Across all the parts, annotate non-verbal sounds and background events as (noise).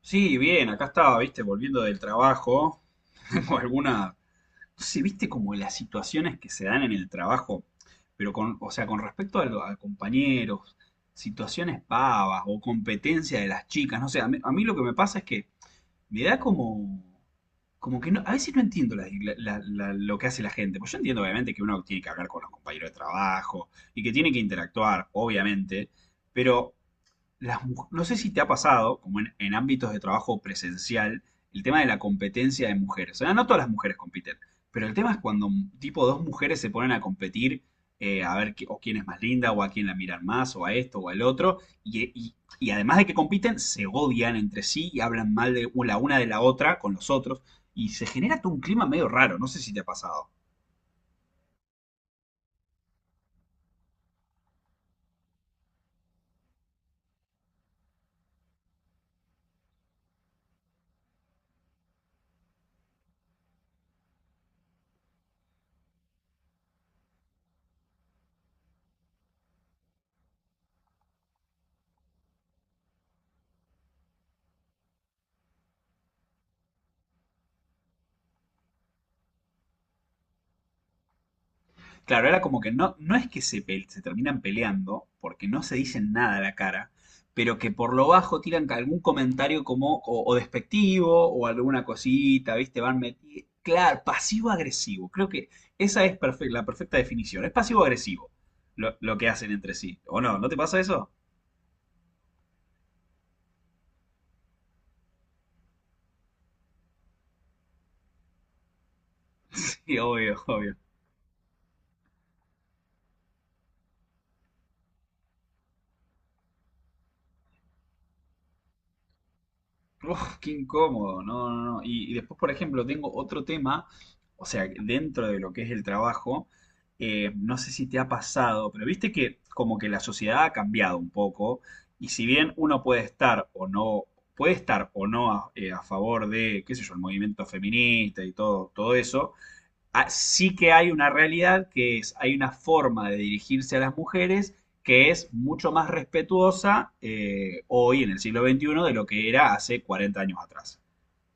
Sí, bien, acá estaba, viste, volviendo del trabajo. (laughs) Tengo alguna. No sé, viste como las situaciones que se dan en el trabajo, pero con, o sea, con respecto a, a compañeros, situaciones pavas o competencia de las chicas, no sé, a mí lo que me pasa es que me da como. Como que no, a veces no entiendo lo que hace la gente. Pues yo entiendo, obviamente, que uno tiene que hablar con los compañeros de trabajo y que tiene que interactuar, obviamente, pero no sé si te ha pasado, como en ámbitos de trabajo presencial, el tema de la competencia de mujeres. O sea, no todas las mujeres compiten, pero el tema es cuando tipo dos mujeres se ponen a competir a ver o quién es más linda, o a quién la miran más, o a esto, o al otro, y además de que compiten, se odian entre sí y hablan mal de la una de la otra con los otros, y se genera todo un clima medio raro, no sé si te ha pasado. Claro, era como que no, no es que se, se terminan peleando, porque no se dicen nada a la cara, pero que por lo bajo tiran algún comentario como o despectivo o alguna cosita, ¿viste? Van metiendo. Claro, pasivo-agresivo. Creo que esa es la perfecta definición. Es pasivo-agresivo lo que hacen entre sí. ¿O no? ¿No te pasa eso? (laughs) Sí, obvio, obvio. Uf, qué incómodo, no, no, no. Y después, por ejemplo, tengo otro tema, o sea, dentro de lo que es el trabajo, no sé si te ha pasado, pero viste que como que la sociedad ha cambiado un poco, y si bien uno puede estar o no, puede estar o no a favor de, qué sé yo, el movimiento feminista y todo, todo eso, sí que hay una realidad que es, hay una forma de dirigirse a las mujeres que es mucho más respetuosa hoy en el siglo XXI de lo que era hace 40 años atrás.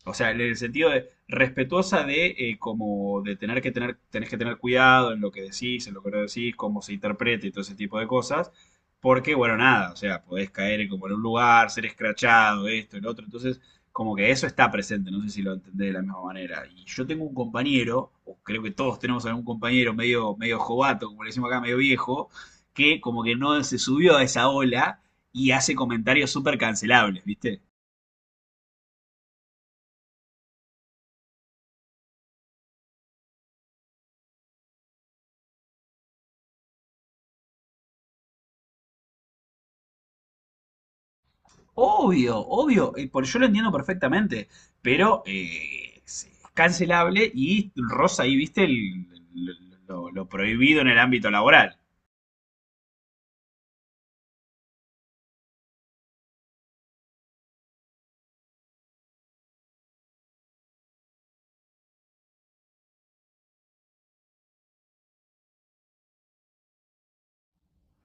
O sea, en el sentido de respetuosa de como de tener que tener, tenés que tener cuidado en lo que decís, en lo que no decís, cómo se interpreta y todo ese tipo de cosas. Porque, bueno, nada, o sea, podés caer en como en un lugar, ser escrachado, esto, el otro. Entonces, como que eso está presente, no sé si lo entendés de la misma manera. Y yo tengo un compañero, o creo que todos tenemos algún compañero medio jovato, como le decimos acá, medio viejo, que como que no se subió a esa ola y hace comentarios súper cancelables, ¿viste? Obvio, obvio, por yo lo entiendo perfectamente, pero es cancelable y rosa ahí, viste, lo prohibido en el ámbito laboral.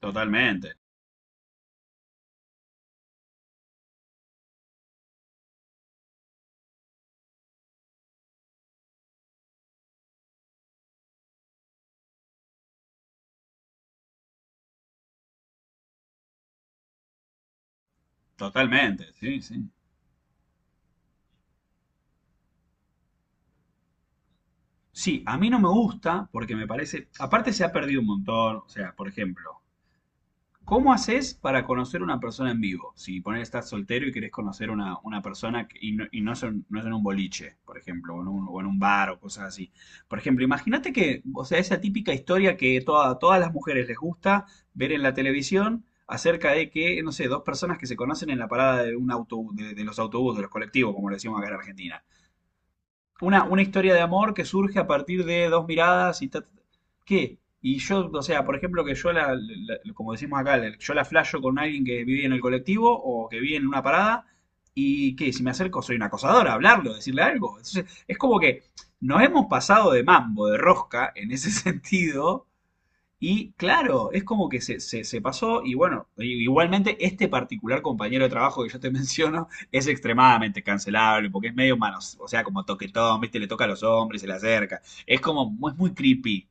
Totalmente, totalmente, sí, sí. Sí, a mí no me gusta porque me parece, aparte se ha perdido un montón, o sea, por ejemplo, ¿cómo haces para conocer una persona en vivo? Si poner estás soltero y querés conocer una persona no, y no es no es en un boliche, por ejemplo, o en un bar o cosas así. Por ejemplo, imagínate que, o sea, esa típica historia que todas las mujeres les gusta ver en la televisión acerca de que, no sé, dos personas que se conocen en la parada de un autobús, de los autobuses, de los colectivos, como le decimos acá en Argentina. Una historia de amor que surge a partir de dos miradas y ¿qué? Y yo, o sea, por ejemplo, que yo como decimos acá, yo la flasho con alguien que vive en el colectivo o que vive en una parada, y que si me acerco soy una acosadora, hablarlo, decirle algo. Entonces, es como que nos hemos pasado de mambo, de rosca, en ese (laughs) sentido, y claro, es como que se pasó y bueno, igualmente este particular compañero de trabajo que yo te (laughs) menciono es extremadamente cancelable porque es medio manos, o sea, como toquetón, viste, le toca a los hombres, se le acerca. Es como, es muy creepy,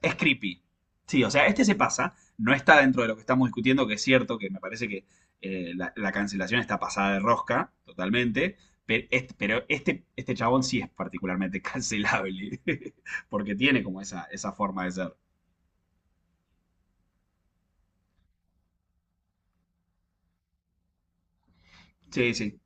es creepy. Sí, o sea, este se pasa, no está dentro de lo que estamos discutiendo, que es cierto, que me parece que la cancelación está pasada de rosca, totalmente, este chabón sí es particularmente cancelable, (laughs) porque tiene como esa forma de ser. Sí, sí.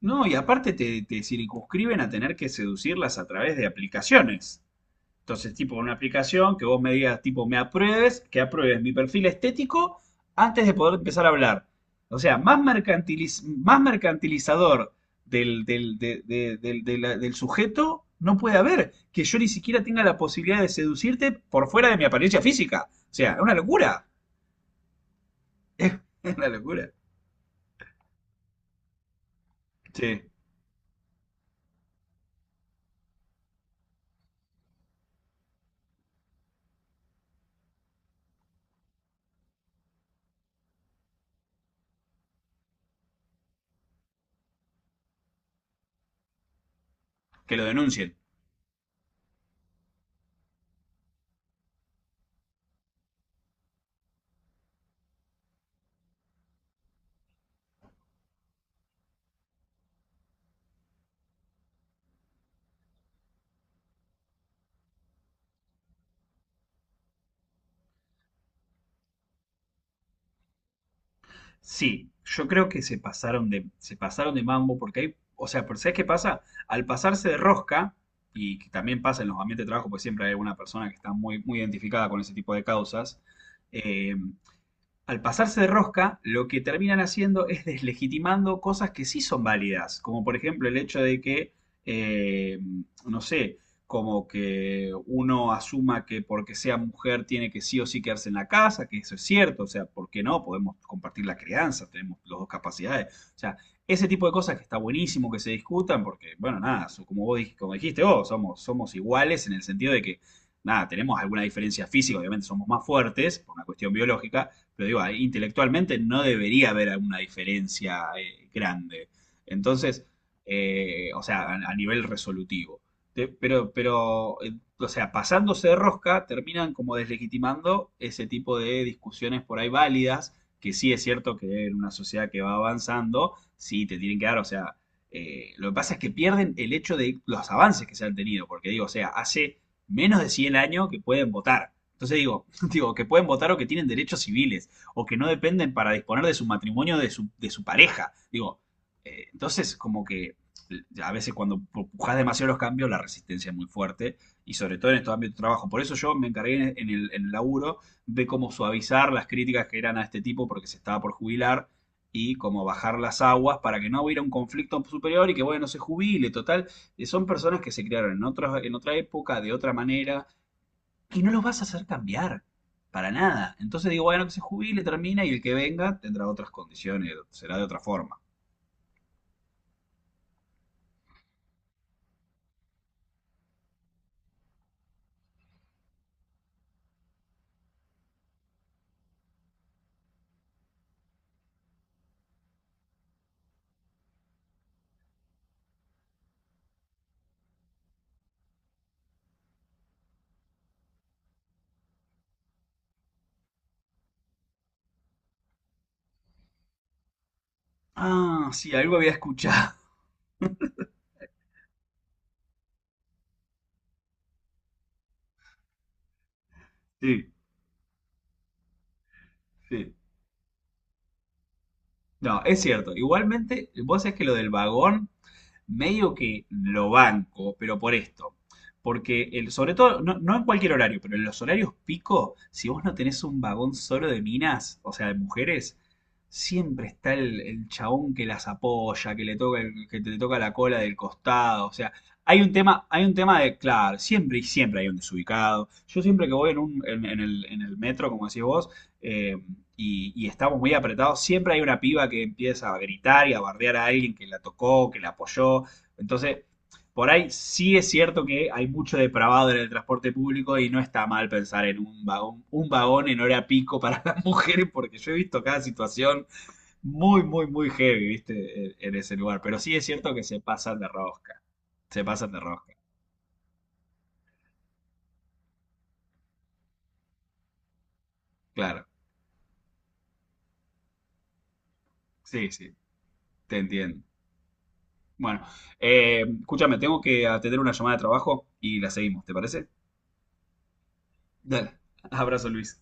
No, y aparte te circunscriben a tener que seducirlas a través de aplicaciones. Entonces, tipo, una aplicación que vos me digas, tipo, me apruebes, que apruebes mi perfil estético antes de poder empezar a hablar. O sea, más mercantilizador del, del, de- del- de la- del sujeto no puede haber. Que yo ni siquiera tenga la posibilidad de seducirte por fuera de mi apariencia física. O sea, es una locura. (laughs) Es una locura. Sí, que lo denuncien. Sí, yo creo que se pasaron de mambo porque hay, o sea, pero ¿sabes qué pasa? Al pasarse de rosca, y que también pasa en los ambientes de trabajo, pues siempre hay alguna persona que está muy identificada con ese tipo de causas, eh, al pasarse de rosca, lo que terminan haciendo es deslegitimando cosas que sí son válidas, como por ejemplo el hecho de que, eh, no sé, como que uno asuma que porque sea mujer tiene que sí o sí quedarse en la casa, que eso es cierto, o sea, ¿por qué no? Podemos compartir la crianza, tenemos las dos capacidades, o sea, ese tipo de cosas que está buenísimo que se discutan, porque, bueno, nada, como dijiste vos, somos iguales en el sentido de que, nada, tenemos alguna diferencia física, obviamente somos más fuertes por una cuestión biológica, pero digo, ahí intelectualmente no debería haber una diferencia grande. Entonces, o sea, a nivel resolutivo. Te- pero, pero, eh, o sea, pasándose de rosca, terminan como deslegitimando ese tipo de discusiones por ahí válidas, que sí es cierto que en una sociedad que va avanzando, sí te tienen que dar, o sea, lo que pasa es que pierden el hecho de los avances que se han tenido, porque digo, o sea, hace menos de 100 años que pueden votar. Entonces digo, (laughs) digo, que pueden votar o que tienen derechos civiles o que no dependen para disponer de su matrimonio de su pareja. Digo, entonces como que a veces cuando pujas demasiado los cambios, la resistencia es muy fuerte y sobre todo en estos ámbitos de trabajo. Por eso yo me encargué en en el laburo de cómo suavizar las críticas que eran a este tipo porque se estaba por jubilar y cómo bajar las aguas para que no hubiera un conflicto superior y que, bueno, se jubile, total. Son personas que se criaron en otra época, de otra manera, y no los vas a hacer cambiar. Para nada. Entonces digo, bueno, que se jubile, termina y el que venga tendrá otras condiciones, será de otra forma. Ah, sí, algo había escuchado. (laughs) Sí, sí. No, es cierto. Igualmente, vos sabés que lo del vagón medio que lo banco, pero por esto. Porque el, sobre todo, no, no en cualquier horario, pero en los horarios pico, si vos no tenés un vagón solo de minas, o sea, de mujeres, siempre está el chabón que las apoya, que te toca la cola del costado. O sea, hay un tema de, claro, siempre y siempre hay un desubicado. Yo siempre que voy en un, en el metro, como decís vos, eh, y estamos muy apretados, siempre hay una piba que empieza a gritar y a bardear a alguien que la tocó, que la apoyó. Entonces, por ahí sí es cierto que hay mucho depravado en el transporte público y no está mal pensar en un vagón en hora pico para las (laughs) mujeres, porque yo he visto cada situación muy, muy, muy heavy, ¿viste? En ese lugar. Pero sí es cierto que se pasan de rosca. Se pasan de rosca. Claro. Sí, sí. Te entiendo. Bueno, escúchame, tengo que atender una llamada de trabajo y la seguimos, ¿te parece? Dale, abrazo Luis.